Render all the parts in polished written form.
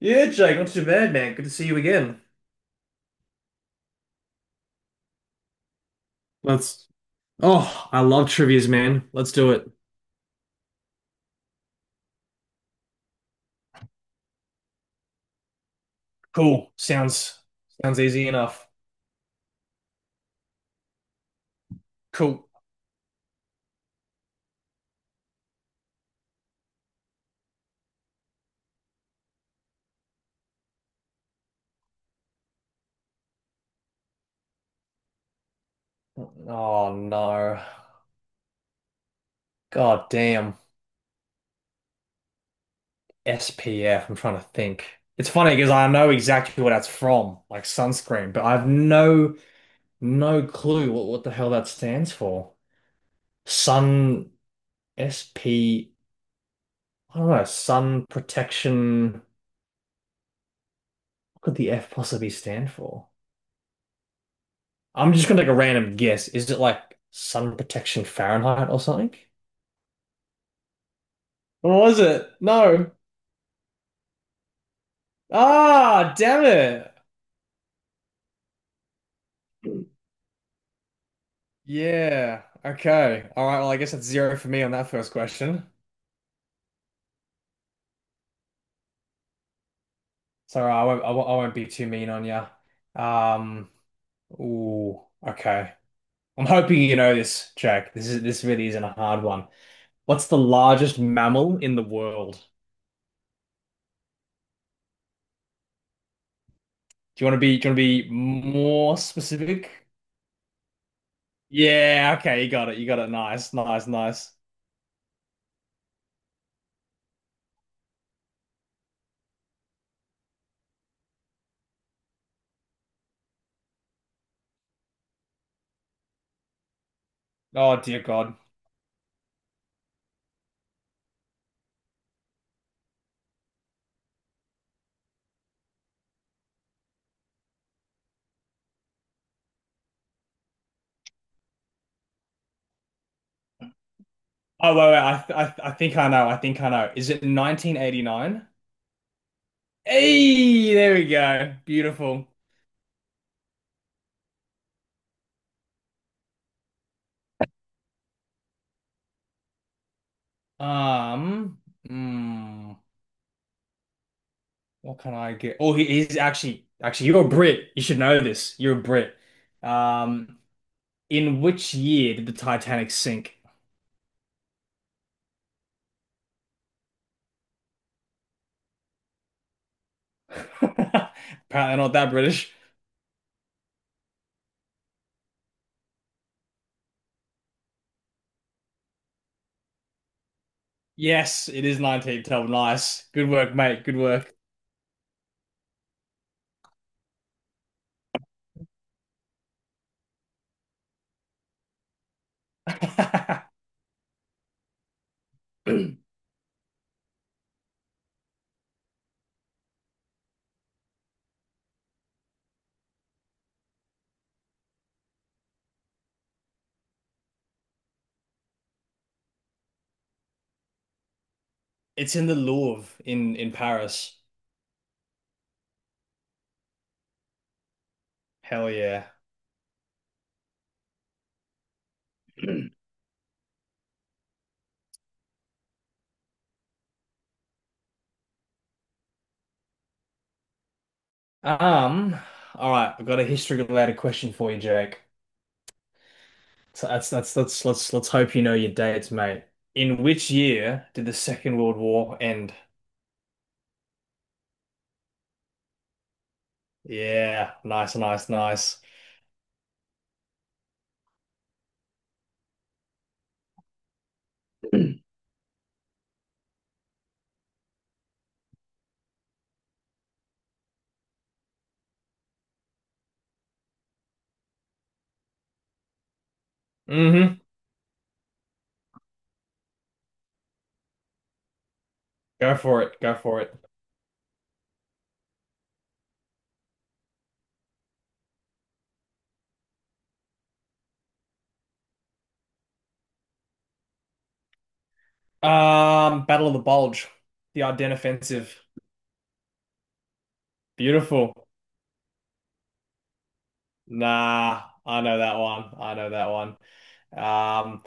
Yeah, Jake, not too bad, man. Good to see you again. Let's. Oh, I love trivias, man. Let's do it. Cool. Sounds easy enough. Cool. Oh no. God damn. SPF. I'm trying to think. It's funny because I know exactly what that's from, like sunscreen, but I've no clue what the hell that stands for. Sun SP, I don't know, sun protection. What could the F possibly stand for? I'm just gonna take a random guess. Is it like sun protection Fahrenheit or something? What was it? No. Ah, damn it. Yeah. Okay. All right. Well, I guess that's zero for me on that first question. So I won't be too mean on you. Um. Ooh. Okay. I'm hoping you know this, Jack. This really isn't a hard one. What's the largest mammal in the world? Do you want to be more specific? Yeah, okay, you got it. You got it. Nice, nice, nice. Oh dear God. Oh wait. I th I th- I think I know. I think I know. Is it 1989? Hey, there we go. Beautiful. Um, Hmm. What can I get? Oh, he's actually you're a Brit. You should know this. You're a Brit. Um, in which year did the Titanic sink? Apparently not that British. Yes, it is 1912. Nice. Good work, mate. Good work. It's in the Louvre in Paris. Hell yeah. Um, all right, I've got a history related question for you, Jake. So that's let's hope you know your dates, mate. In which year did the Second World War end? Yeah, nice, nice, nice. Mm-hmm. Go for it. Battle of the Bulge, the Ardennes Offensive. Beautiful. Nah, I know that one. I know that one. Um,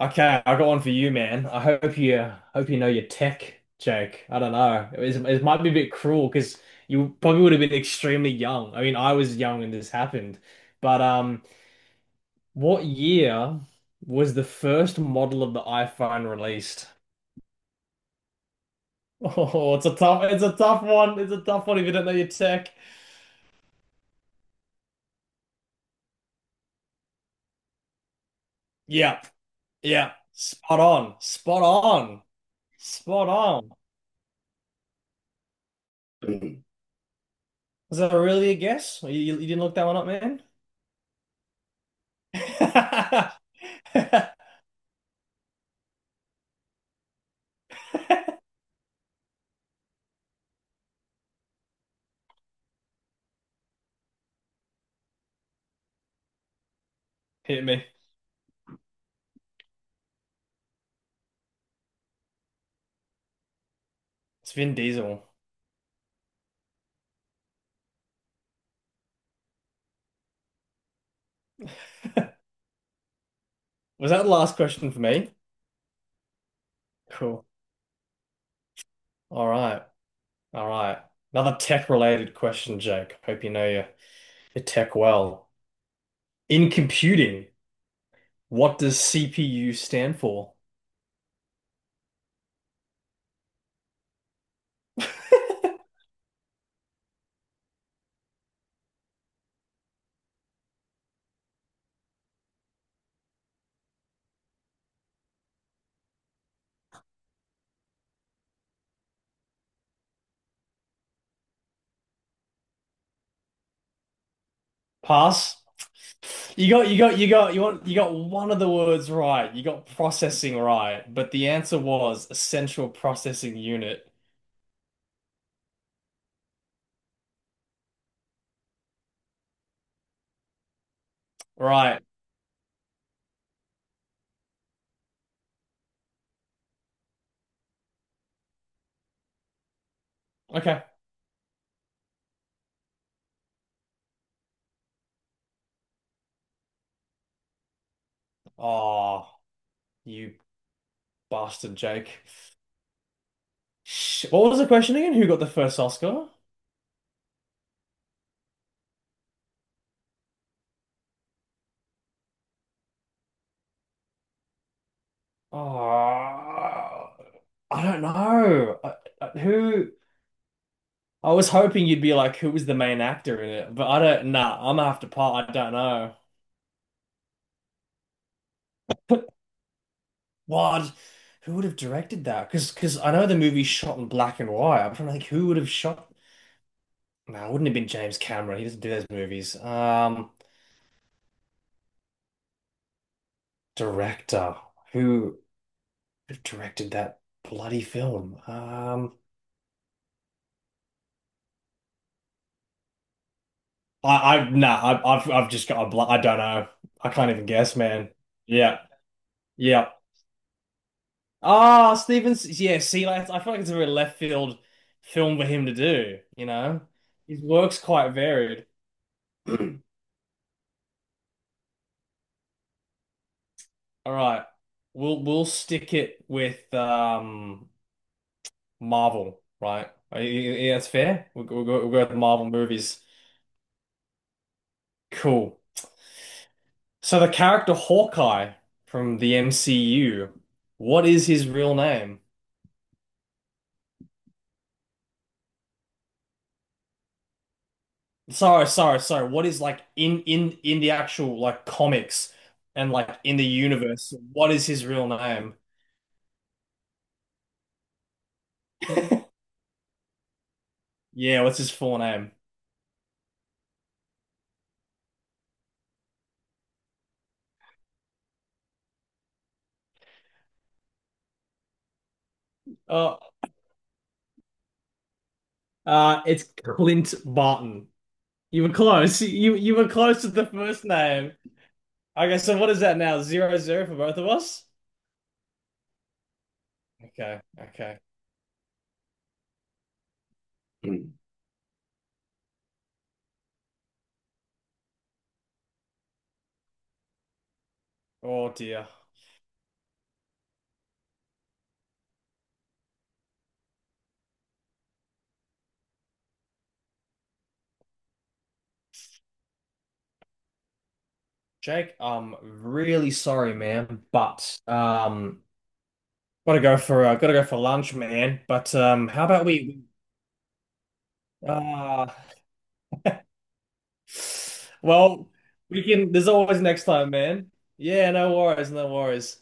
okay, I got one for you, man. I hope you know your tech, Jake. I don't know. It might be a bit cruel because you probably would have been extremely young. I mean, I was young when this happened. But what year was the first model of the iPhone released? Oh, it's a tough one. It's a tough one if you don't know your tech. Yep, yeah. Spot on, spot on, spot on. Mm. Was that really a guess? You didn't look that one up, man? Hit me. It's Vin Diesel. Was that the last question for me? Cool. All right. All right. Another tech related question, Jake. Hope you know your tech well. In computing, what does CPU stand for? Pass. You got you got you got you want you got one of the words right. You got processing right, but the answer was a central processing unit. Right. Okay. Oh, you bastard, Jake. Sh what was the question again? Who got the first Oscar? Ah, I don't know. Who? I was hoping you'd be like, who was the main actor in it? But I don't. Nah, I'm gonna have to pass. I don't know. What? Who would have directed that? Because I know the movie's shot in black and white. I'm trying to think who would have shot. No, it wouldn't have been James Cameron. He doesn't do those movies. Director who would have directed that bloody film? I, I nah, I've just got a bl I don't know. I can't even guess, man. Yeah, yeah. Ah, Stevens. Yeah, see, like, I feel like it's a very left field film for him to do. You know, his work's quite varied. All right, we'll stick it with Marvel, right? Yeah, yeah, that's fair. We'll go with the Marvel movies. Cool. So the character Hawkeye from the MCU, what is his real name? Sorry, sorry, sorry. What is like in the actual like comics and like in the universe? What is his real name? Yeah, what's his full name? Oh, it's Clint Barton. You were close. You were close to the first name. Okay, so what is that now? Zero zero for both of us? Okay, okay. Mm. Oh dear. Jake, I'm really sorry, man, but gotta go for lunch, man. But how about we uh well, we can. There's always next time, man. Yeah, no worries, no worries.